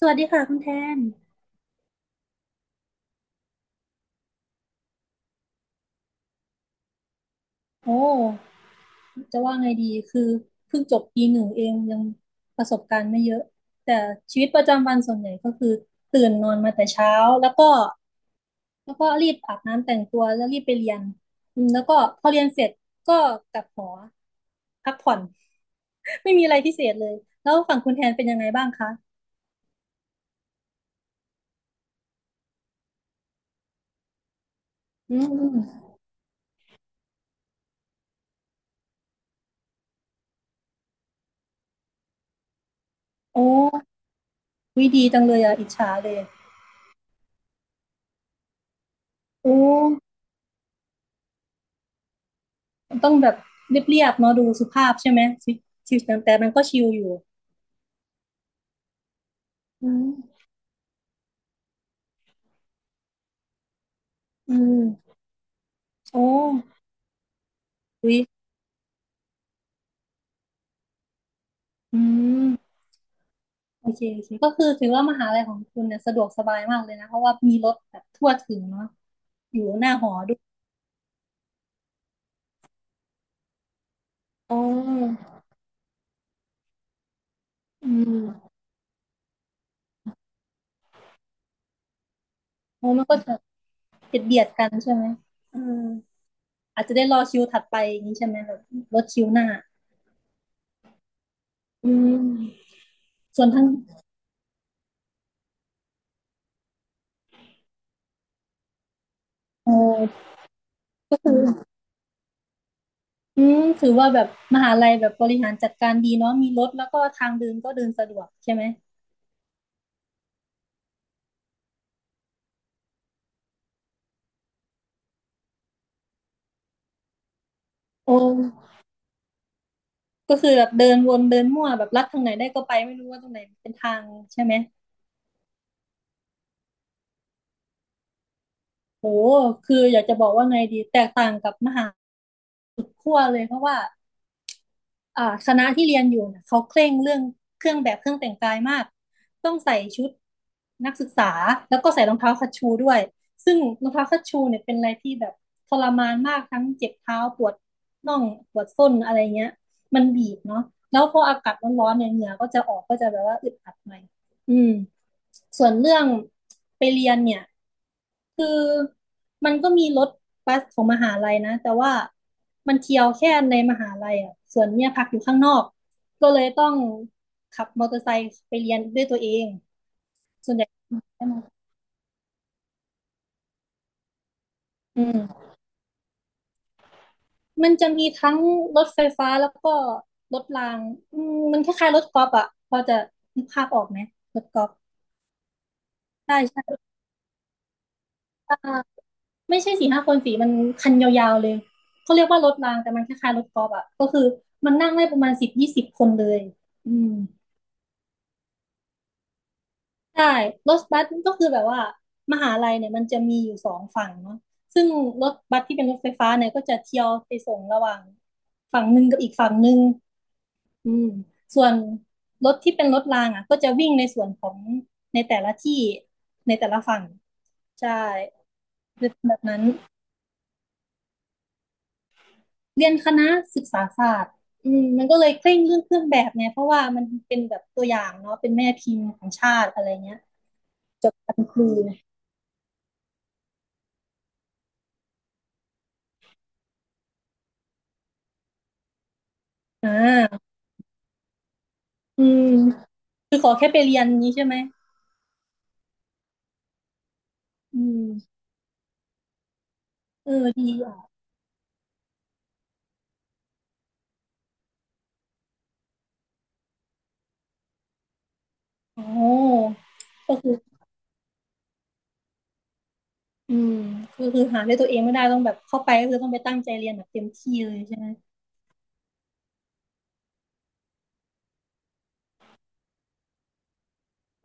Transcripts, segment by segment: สวัสดีค่ะคุณแทนโอ้จะว่าไงดีคือเพิ่งจบปีหนึ่งเองยังประสบการณ์ไม่เยอะแต่ชีวิตประจำวันส่วนใหญ่ก็คือตื่นนอนมาแต่เช้าแล้วก็แล้วก็รีบอาบน้ำแต่งตัวแล้วรีบไปเรียนอืมแล้วก็พอเรียนเสร็จก็กลับหอพักผ่อน ไม่มีอะไรพิเศษเลยแล้วฝั่งคุณแทนเป็นยังไงบ้างคะอืมอืมโอ้วิดีจังเลยอ่ะอิจฉาเลยโอ้ต้องแบบเรียบๆเนาะดูสุภาพใช่ไหมชีวิตแต่มันก็ชิลอยู่อืม อืมโอ้อุ๊ยอืมโอเคโอเคก็คือถือว่ามหาลัยของคุณเนี่ยสะดวกสบายมากเลยนะเพราะว่ามีรถแบบทั่วถึงเนาะอยู่หน้าหอด้วยอ๋ออืมโอ้มันก็จะเบียดกันใช่ไหมอืมอาจจะได้รอคิวถัดไปอย่างนี้ใช่ไหมแบบรถคิวหน้าอืมส่วนทางโอ้ก็คืออืมถือว่าแบบมหาลัยแบบบริหารจัดการดีเนาะมีรถแล้วก็ทางเดินก็เดินสะดวกใช่ไหมโอ้ ก็คือแบบเดินวนเดินมั่วแบบลัดทางไหนได้ก็ไปไม่รู้ว่าตรงไหนเป็นทางใช่ไหมโหคืออยากจะบอกว่าไงดีแตกต่างกับมหาขั้วเลยเพราะว่าคณะที่เรียนอยู่น่ะเขาเคร่งเรื่องเครื่องแบบเครื่องแต่งกายมากต้องใส่ชุดนักศึกษาแล้วก็ใส่รองเท้าคัชชูด้วยซึ่งรองเท้าคัชชูเนี่ยเป็นอะไรที่แบบทรมานมากทั้งเจ็บเท้าปวดน่องปวดส้นอะไรเงี้ยมันบีบเนาะแล้วพออากาศร้อนๆเนี่ยเหงื่อก็จะออกก็จะแบบว่าอึดอัดหน่อยอืม ส่วนเรื่องไปเรียนเนี่ยคือมันก็มีรถบัสของมหาลัยนะแต่ว่ามันเที่ยวแค่ในมหาลัยอ่ะส่วนเนี่ยพักอยู่ข้างนอกก็เลยต้องขับมอเตอร์ไซค์ไปเรียนด้วยตัวเองอืมอืมมันจะมีทั้งรถไฟฟ้าแล้วก็รถรางอืมมันคล้ายๆรถกอล์ฟอ่ะพอจะนึกภาพออกไหมรถกอล์ฟใช่ใช่ ไม่ใช่สี่ห้าคนสีมันคันยาวๆเลยเขาเรียกว่ารถรางแต่มันคล้ายๆรถกอล์ฟอ่ะก็คือมันนั่งได้ประมาณสิบยี่สิบคนเลยอืมใช่รถบัสก็คือแบบว่ามหาลัยเนี่ยมันจะมีอยู่สองฝั่งเนาะซึ่งรถบัสที่เป็นรถไฟฟ้าเนี่ยก็จะเที่ยวไปส่งระหว่างฝั่งหนึ่งกับอีกฝั่งหนึ่งอืมส่วนรถที่เป็นรถรางอ่ะก็จะวิ่งในส่วนของในแต่ละที่ในแต่ละฝั่งใช่แบบนั้น เรียนคณะศึกษาศาสตร์อืมมันก็เลยเคร่งเรื่องเครื่องแบบไงเพราะว่ามันเป็นแบบตัวอย่างเนาะเป็นแม่พิมพ์ของชาติอะไรเงี้ยจบการครูนะอ่าอืมคือขอแค่ไปเรียนนี้ใช่ไหมอืมเออดีอ่ะโอ้ก็คืออืมก็คือหาด้วยตัวเองไม่ได้ต้องแบบเข้าไปก็คือต้องไปตั้งใจเรียนแบบเต็มที่เลยใช่ไหม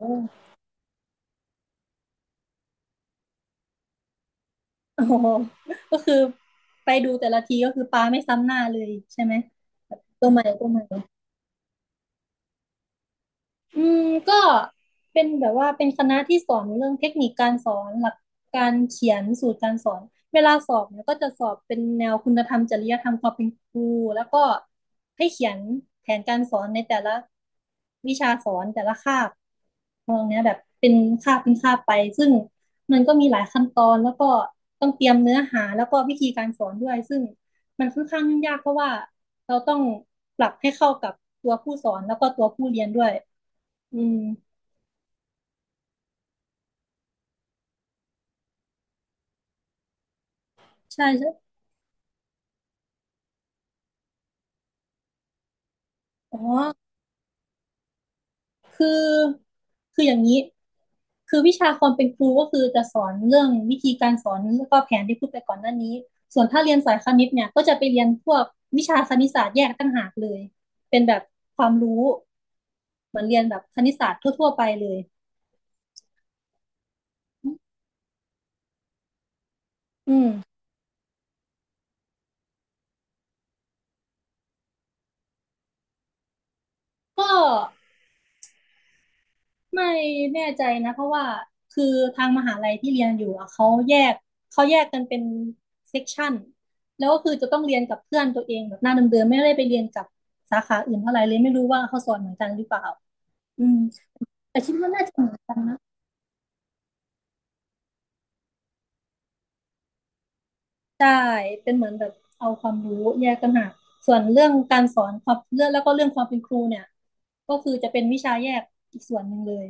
โอ้โอ้โหก็คือไปดูแต่ละทีก็คือปลาไม่ซ้ำหน้าเลยใช่ไหมแบบตัวใหม่ตัวใหม่ อืมก็เป็นแบบว่าเป็นคณะที่สอนเรื่องเทคนิคการสอนหลักการเขียนสูตรการสอนเวลาสอบเนี่ยก็จะสอบเป็นแนวคุณธรรมจริยธรรมความเป็นครูแล้วก็ให้เขียนแผนการสอนในแต่ละวิชาสอนแต่ละคาบตรงเนี้ยแบบเป็นคาบเป็นคาบไปซึ่งมันก็มีหลายขั้นตอนแล้วก็ต้องเตรียมเนื้อหาแล้วก็วิธีการสอนด้วยซึ่งมันค่อนข้างยุ่งยากเพราะว่าเราต้องปรับให้เข้ากับตัวผู้สอนแล้วก็ตัวผู้เรียนด้วยอืม ใช่ใช่อ๋อคือคืออย่างนี้คือวิชาความเป็นครู ก็คือจะสอนเรื่อง วิธีการสอนแล้วก็แผนที่พูดไปก่อนหน้านี้ ส่วนถ้าเรียนสายคณิตเนี่ยก็จะไปเรียนพวก วิชาคณิตศาสตร์แยกต่างหากเลย เป็นแบบความรู้เหมือนเรียนแบบคณิตศาสตร์ทั่วๆไปเลยอืมก็ ไม่แน่ใจนะเพราะว่าคือทางมหาลัยที่เรียนอยู่อะเขาแยกกันเป็นเซกชันแล้วก็คือจะต้องเรียนกับเพื่อนตัวเองแบบหน้าเดิมๆไม่ได้ไปเรียนกับสาขาอื่นเท่าไหร่เลยไม่รู้ว่าเขาสอนเหมือนกันหรือเปล่าอืมแต่คิดว่าน่าจะเหมือนกันนะ ใช่เป็นเหมือนแบบเอาความรู้แยกต่างหากส่วนเรื่องการสอนความเรื่องแล้วก็เรื่องความเป็นครูเนี่ยก็คือจะเป็นวิชาแยกอีกส่วนหนึ่งเลย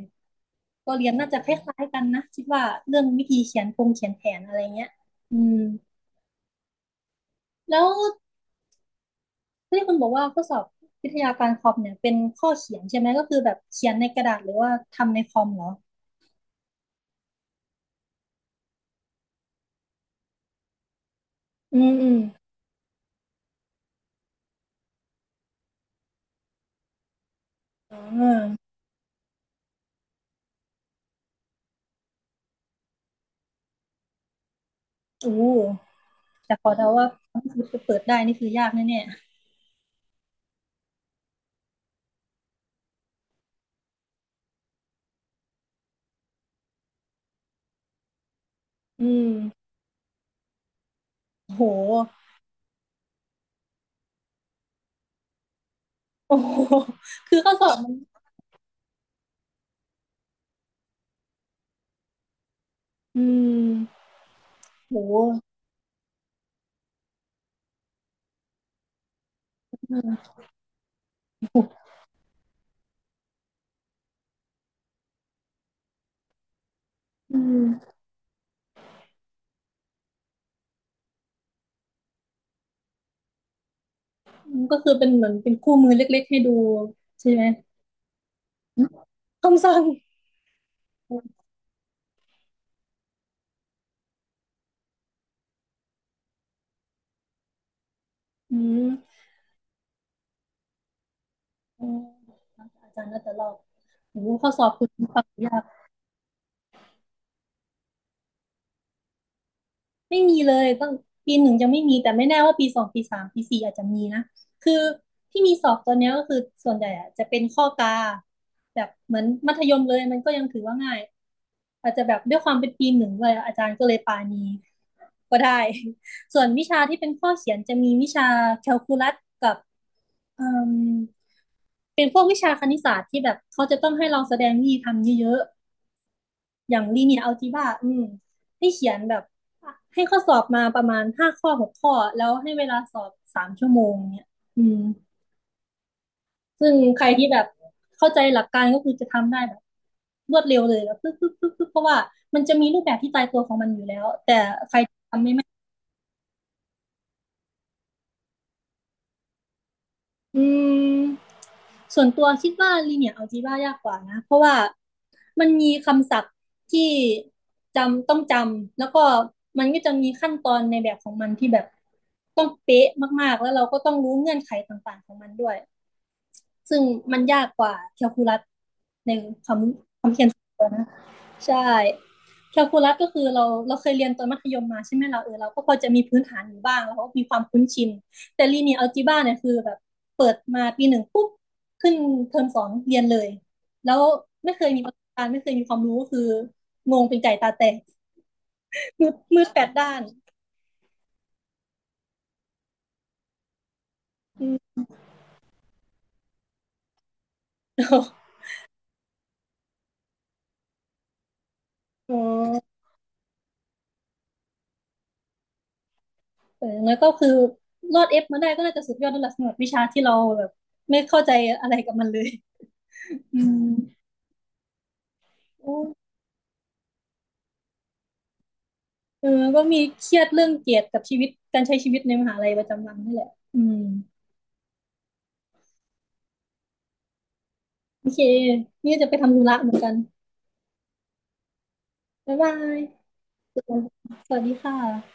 ก็เรียนน่าจะคล้ายๆกันนะคิดว่าเรื่องวิธีเขียนโครงเขียนแผนอะไรเงี้ยอืมแล้วที่คุณบอกว่าข้อสอบวิทยาการคอมเนี่ยเป็นข้อเขียนใช่ไหมก็คือแบบเขียนในกระดาษหรือว่าทำในคอมเหรออืมอืมอ่าอู้แต่ขอเดาว่าถ้าเปิดได้นี่คือยากแน่ๆอืมโห โอ้โหคือข้อสอบมันอืมโหอืมมันก็คือเป็นเหมือนเป็นคู่มือเล็กๆให้ดูใช่ไหมคำสั่ง อืมอาจารย์น่าจะรอบโอ้โหข้อสอบคุณฟังยาก ไม่มีเลยตั้งปีหนึ่งยังไม่มี แต่ไม่แน่ว่าปีสองปีสามปีสี่อาจจะมีนะคือที่มีสอบตัวเนี้ยก็คือส่วนใหญ่อะจะเป็นข้อกาแบบเหมือนมัธยมเลยมันก็ยังถือว่าง่ายอาจจะแบบด้วยความเป็นปีหนึ่งเลยอาจารย์ก็เลยปานีก็ได้ ส่วนวิชาที่เป็นข้อเขียนจะมีวิชาแคลคูลัสกับเอ่มเป็นพวกวิชาคณิตศาสตร์ที่แบบเขาจะต้องให้เราแสดงวิธีทำเยอะ อย่างลีเนียร์อัลจีบราอืมให้เขียนแบบให้ข้อสอบมาประมาณห้าข้อหกข้อแล้วให้เวลาสอบ3 ชั่วโมงเนี่ยอืมซึ่งใครที่แบบเข้าใจหลักการก็คือจะทำได้แบบรวดเร็วเลยแบบปึ๊บปึ๊บปึ๊บปึ๊บเพราะว่ามันจะมีรูปแบบที่ตายตัวของมันอยู่แล้วแต่ใคร อืมส่วนตัวคิดว่าลีเนีย a l จ e b ายากกว่านะเพราะว่ามันมีคำศัพท์ที่จำต้องจำแล้วก็มันก็จะมีขั้นตอนในแบบของมันที่แบบต้องเป๊ะมากๆแล้วเราก็ต้องรู้เงื่อนไขต่างๆของมันด้วยซึ่งมันยากกว่าแคลคูลัสในความรู้สึกตัวนะ ใช่ แคลคูลัสก็คือเราเราเคยเรียนตอนมัธยมมาใช่ไหมเราเราก็พอจะมีพื้นฐานอยู่บ้างแล้วก็มีความคุ้นชินแต่ลีเนียร์แอลจีบ้าเนี่ยคือแบบเปิดมาปีหนึ่งปุ๊บขึ้นเทอมสองเรียนเลยแล้วไม่เคยมีประสบการณ์ไม่เคยมีความรู้ก็คืองงเป็นไก่ตาแตกมืดมืดแปดด้านอืม อ๋อเออแล้วก็คือรอดเอฟมาได้ก็น่าจะสุดยอดแล้วล่ะสำหรับวิชาที่เราแบบไม่เข้าใจอะไรกับมันเลยอืมโอ้ เออก็มีเครียดเรื่องเกียรติกับชีวิตการใช้ชีวิตในมหาลัยประจำวันนี่แหละอืมโอเคนี่จะไปทำธุระเหมือนกันบ๊ายบายสวัสดีค่ะ